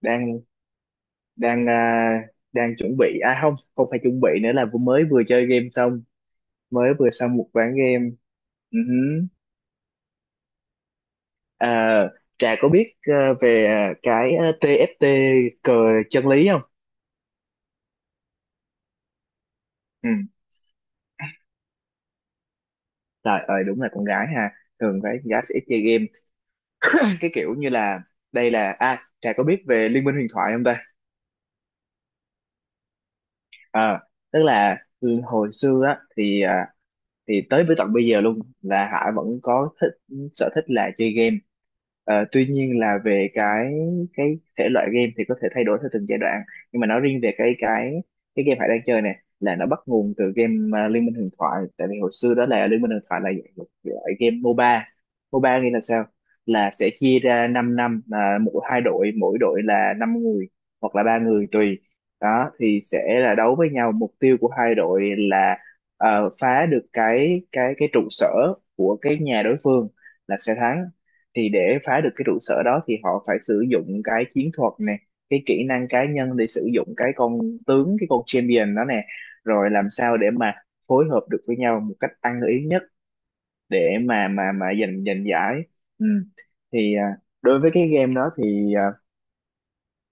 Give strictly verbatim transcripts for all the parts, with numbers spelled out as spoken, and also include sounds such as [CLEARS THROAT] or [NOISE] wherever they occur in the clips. Đang đang à, Đang chuẩn bị, à không không phải chuẩn bị nữa, là vừa- mới vừa chơi game xong. Mới vừa xong một ván game. Ừ hứ. À, Trà có biết à, về à, cái à, tê ép tê, cờ chân lý không? Ừ. Trời ơi, đúng là con gái ha, thường phải gái sẽ ít chơi game. [COUGHS] Cái kiểu như là đây là, à Trà có biết về Liên minh huyền thoại không ta? Ờ, tức là ừ, hồi xưa á thì, à, thì tới với tận bây giờ luôn là Hải vẫn có thích sở thích là chơi game. Ờ, tuy nhiên là về cái cái thể loại game thì có thể thay đổi theo từng giai đoạn, nhưng mà nói riêng về cái cái cái game Hải đang chơi này, là nó bắt nguồn từ game à, Liên minh huyền thoại. Tại vì hồi xưa đó là Liên minh huyền thoại là một loại game MOBA. MOBA nghĩa là sao? Là sẽ chia ra 5, năm năm, à, mỗi, hai đội mỗi đội là năm người, hoặc là ba người tùy. Đó thì sẽ là đấu với nhau, mục tiêu của hai đội là ờ, phá được cái cái cái trụ sở của cái nhà đối phương là sẽ thắng. Thì để phá được cái trụ sở đó thì họ phải sử dụng cái chiến thuật nè, cái kỹ năng cá nhân, để sử dụng cái con tướng, cái con champion đó nè. Rồi làm sao để mà phối hợp được với nhau một cách ăn ý nhất, để mà mà mà giành giành giải. Ừ. Thì à, đối với cái game đó thì à,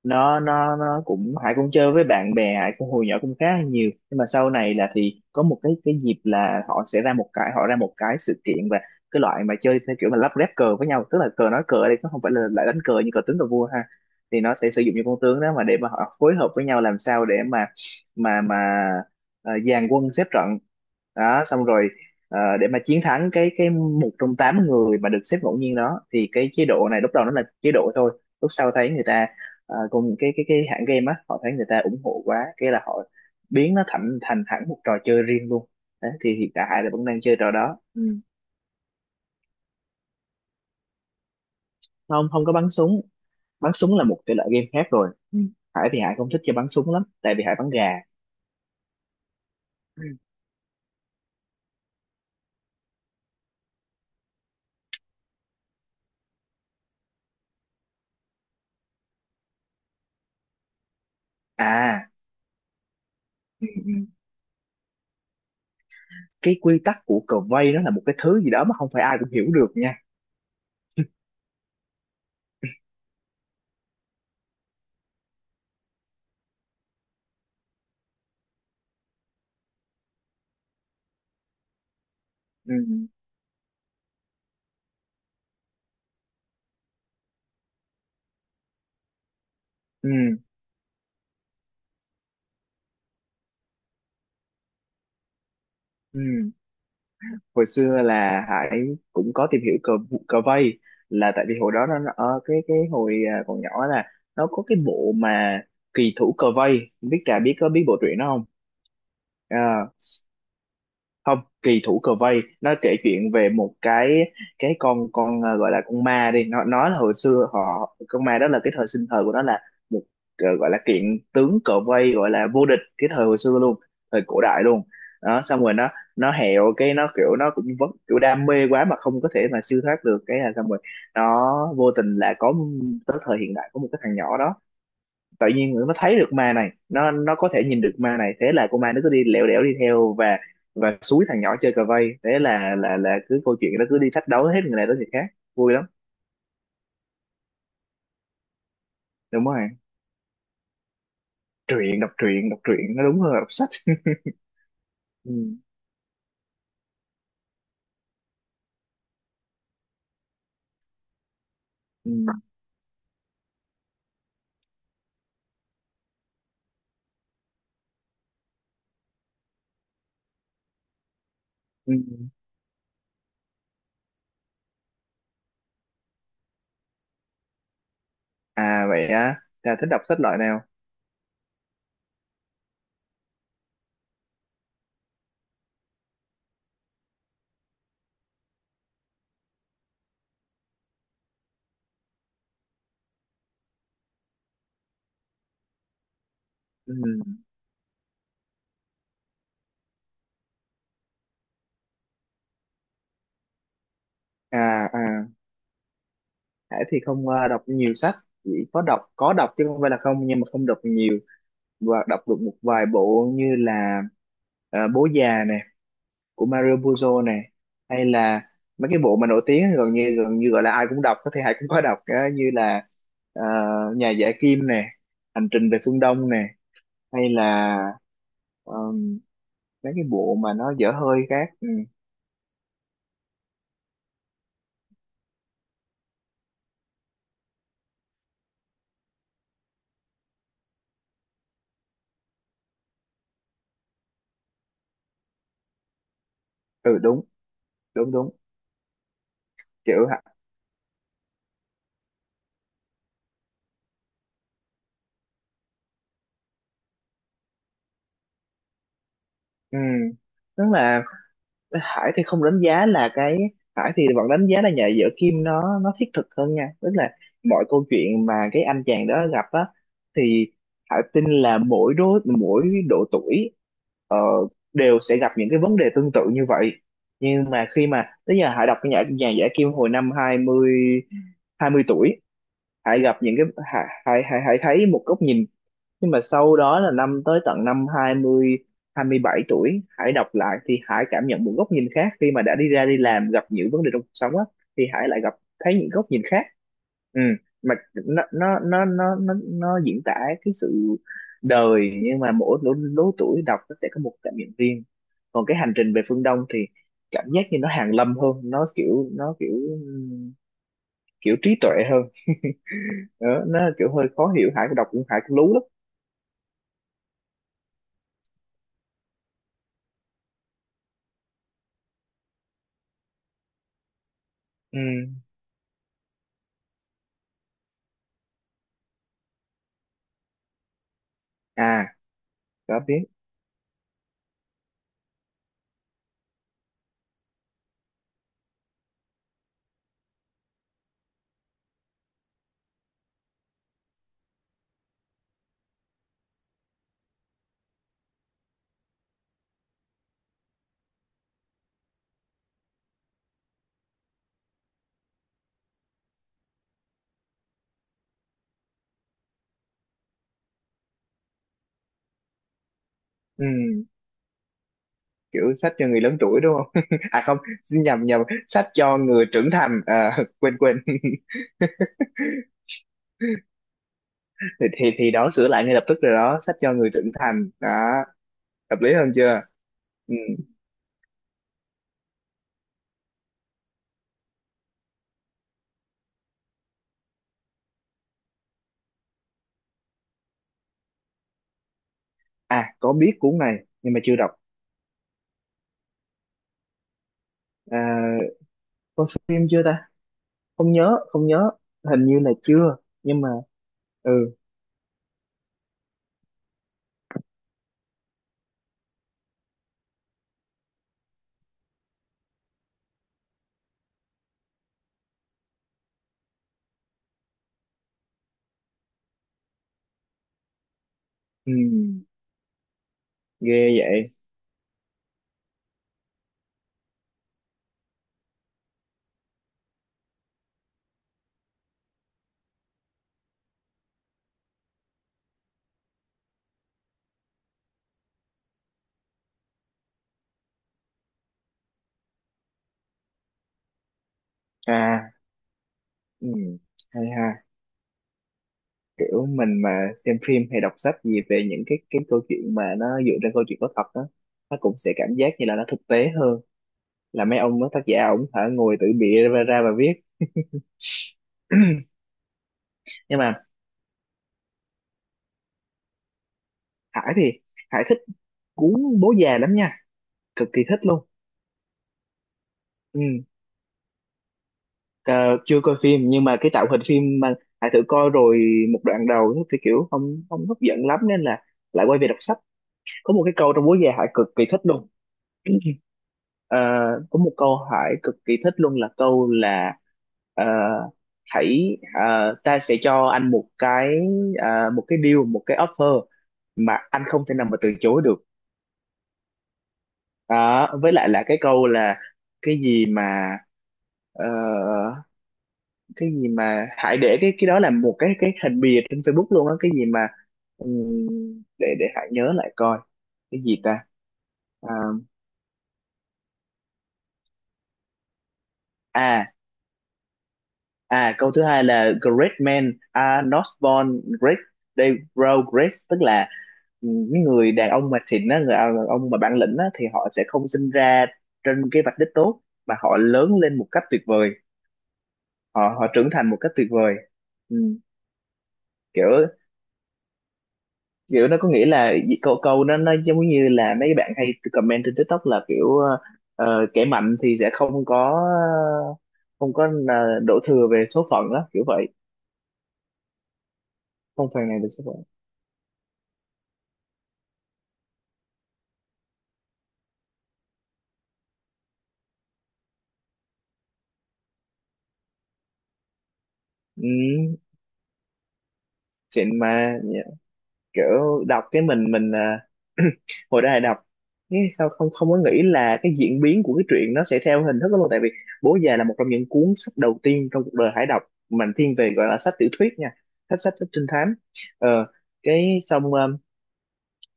nó nó nó cũng Hải cũng chơi với bạn bè. Hải cũng hồi nhỏ cũng khá là nhiều, nhưng mà sau này là thì có một cái cái dịp là họ sẽ ra một cái, họ ra một cái sự kiện, và cái loại mà chơi theo kiểu mà lắp ghép cờ với nhau, tức là cờ, nói cờ ở đây nó không phải là lại đánh cờ như cờ tướng, cờ vua ha. Thì nó sẽ sử dụng những con tướng đó mà để mà họ phối hợp với nhau, làm sao để mà mà mà ờ, dàn quân xếp trận đó, xong rồi ờ, để mà chiến thắng cái cái một trong tám người mà được xếp ngẫu nhiên đó. Thì cái chế độ này lúc đầu nó là chế độ thôi, lúc sau thấy người ta, à, cùng cái cái cái hãng game á, họ thấy người ta ủng hộ quá, cái là họ biến nó thành thành hẳn một trò chơi riêng luôn. Đấy thì hiện tại là vẫn đang chơi trò đó. Ừ. Không, không có bắn súng. Bắn súng là một thể loại game khác rồi. Ừ. Hải thì Hải không thích chơi bắn súng lắm, tại vì Hải bắn gà. Ừ. À. Ừ ừ. Cái quy tắc của cờ vây nó là một cái thứ gì đó mà không phải ai cũng hiểu được nha. Ừ. [LAUGHS] Ừ ừ. Hồi xưa là Hải cũng có tìm hiểu cờ cờ vây, là tại vì hồi đó nó nó- ờ, cái cái hồi à, còn nhỏ là, nó có cái bộ mà kỳ thủ cờ vây. Không biết Trà biết có biết bộ truyện đó không? Ờ, không, kỳ thủ cờ vây nó kể chuyện về một cái, cái con con ờ, gọi là con ma đi. Nó nó là hồi xưa họ, con ma đó là cái thời sinh thời của nó là một, ờ, gọi là kiện tướng cờ vây, gọi là vô địch cái thời hồi xưa luôn, thời cổ đại luôn. Đó, xong rồi nó nó hẹo cái nó kiểu nó cũng vẫn kiểu đam mê quá mà không có thể mà siêu thoát được, cái là xong rồi nó vô tình lại có, tới thời hiện đại có một cái thằng nhỏ đó tự nhiên nó thấy được ma này. Nó nó có thể nhìn được ma này, thế là con ma nó cứ đi lẻo đẻo đi theo và và xúi thằng nhỏ chơi cờ vây. Thế là là là cứ câu chuyện nó cứ đi thách đấu hết người này tới người khác. Vui lắm. Đúng rồi. Truyện đọc truyện Đọc truyện nó đúng hơn là đọc sách. [LAUGHS] Ừ, ừ, ừ. À vậy á, là thích đọc sách loại nào? Ừ. À à. Hải thì không ờ, đọc nhiều sách, chỉ có đọc, có đọc chứ không phải là không, nhưng mà không đọc nhiều. Và đọc được một vài bộ như là ờ, bố già nè, của Mario Puzo này, hay là mấy cái bộ mà nổi tiếng gần như gần như gọi là ai cũng đọc, có thể ai cũng có đọc á, như là ờ, Nhà Giả Kim nè, Hành Trình Về Phương Đông nè, hay là ờm, mấy cái bộ mà nó dở hơi khác. Ừ. Ừ đúng đúng đúng. Kiểu hả. Ừ, tức là Hải thì không đánh giá là cái, Hải thì vẫn đánh giá là Nhà vợ Kim nó nó thiết thực hơn nha, tức là, Ừ, mọi câu chuyện mà cái anh chàng đó gặp á, thì Hải tin là mỗi đối mỗi độ tuổi ờ, đều sẽ gặp những cái vấn đề tương tự như vậy. Nhưng mà khi mà tới giờ Hải đọc cái nhà nhà giả Kim hồi năm hai mươi, hai mươi tuổi, hãy gặp những cái, hãy hãy hãy hãy thấy một góc nhìn. Nhưng mà sau đó là năm tới tận năm hai hai mươi, hai mươi bảy tuổi, hãy đọc lại thì hãy cảm nhận một góc nhìn khác, khi mà đã đi ra đi làm gặp những vấn đề trong cuộc sống á, thì hãy lại gặp, thấy những góc nhìn khác. Ừ. Mà nó nó nó nó nó, nó diễn tả cái sự đời, nhưng mà mỗi lứa, lứa tuổi đọc nó sẽ có một cảm nhận riêng. Còn cái Hành trình về phương Đông thì cảm giác như nó hàn lâm hơn, nó kiểu nó kiểu, kiểu trí tuệ hơn. [LAUGHS] Đó, nó kiểu hơi khó hiểu, Hải đọc cũng Hải cũng lú lắm. Ừ. À có biết. Ừ. Kiểu sách cho người lớn tuổi đúng không? [LAUGHS] À không, xin nhầm nhầm, sách cho người trưởng thành à, [LAUGHS] quên quên [LAUGHS] thì, thì Thì đó, sửa lại ngay lập tức rồi đó, sách cho người trưởng thành đó, hợp lý hơn chưa? Ừ. À, có biết cuốn này nhưng mà chưa đọc. à, có phim chưa ta? Không nhớ, không nhớ. Hình như là chưa. Nhưng mà, ừ, ừ. Ghê vậy. À. Ừ. Hay ha. Kiểu mình mà xem phim hay đọc sách gì về những cái cái câu chuyện mà nó dựa trên câu chuyện có thật đó, nó cũng sẽ cảm giác như là nó thực tế hơn, là mấy ông đó, tác giả ổng phải ngồi tự bịa ra, ra và viết. [CLEARS THROAT] Nhưng mà Hải thì Hải thích, cuốn bố già lắm nha, cực kỳ thích luôn. Ừ. Ờ, chưa coi phim, nhưng mà cái tạo hình phim mà Hải thử coi rồi một đoạn đầu, thì kiểu không không hấp dẫn lắm nên là lại quay về đọc sách. Có một cái câu trong bố già Hải cực kỳ thích luôn, Ờ, có một câu hỏi cực kỳ thích luôn là câu là ờ, hãy ờ, ta sẽ cho anh một cái ờ, một cái deal, một cái offer mà anh không thể nào mà từ chối được. Đó, với lại là cái câu là, cái gì mà ờ, cái gì mà hãy để cái cái đó là một cái cái hình bìa trên Facebook luôn á, cái gì mà ừm, để để hãy nhớ lại coi. Cái gì ta? Ờ, À. À, câu thứ hai là Great men are not born great, they grow great. Tức là những người đàn ông mà xịn á, người đàn ông mà bản lĩnh á, thì họ sẽ không sinh ra trên cái vạch đích tốt, mà họ lớn lên một cách tuyệt vời, họ họ trưởng thành một cách tuyệt vời. Ừ. Kiểu Kiểu nó có nghĩa là, câu câu nó nó giống như là mấy bạn hay comment trên TikTok là kiểu ờ, kẻ mạnh thì sẽ không có không có ờ, đổ thừa về số phận đó, kiểu vậy. Không phàn nàn về số phận. Ừ. Xịn mà. Kiểu đọc cái mình mình à, [CLEARS THROAT] hồi đó là đọc cái, sao không không có nghĩ là cái diễn biến của cái truyện nó sẽ theo hình thức đó luôn, tại vì bố già là một trong những cuốn sách đầu tiên trong cuộc đời Hải đọc, mình thiên về gọi là sách tiểu thuyết nha, sách sách sách trinh thám, ờ, cái xong um,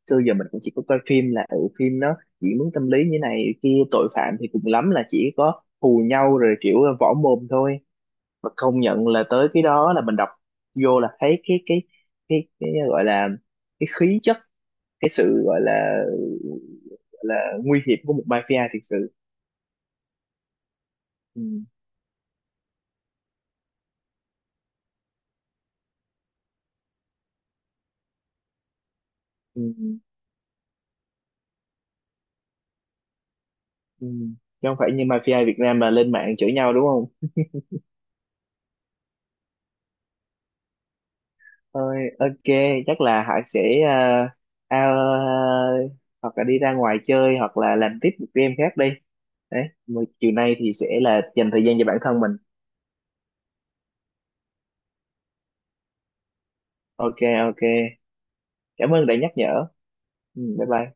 xưa giờ mình cũng chỉ có coi phim là ở phim nó diễn biến tâm lý như này kia, tội phạm thì cùng lắm là chỉ có hù nhau rồi kiểu võ mồm thôi. Và công nhận là tới cái đó là mình đọc vô là thấy cái cái cái cái gọi là cái khí chất, cái sự gọi là, gọi là nguy hiểm của một mafia thực sự. Ừ. Ừ. Ừ. Chứ không phải như mafia Việt Nam mà lên mạng chửi nhau đúng không. Thôi, ok, chắc là Hải sẽ ờ, ao- ờ, hoặc là đi ra ngoài chơi hoặc là làm tiếp một game khác đi, đấy mà chiều nay thì sẽ là dành thời gian cho bản thân mình. Ok. Ok. Cảm ơn đã nhắc nhở. Ừ, bye bye.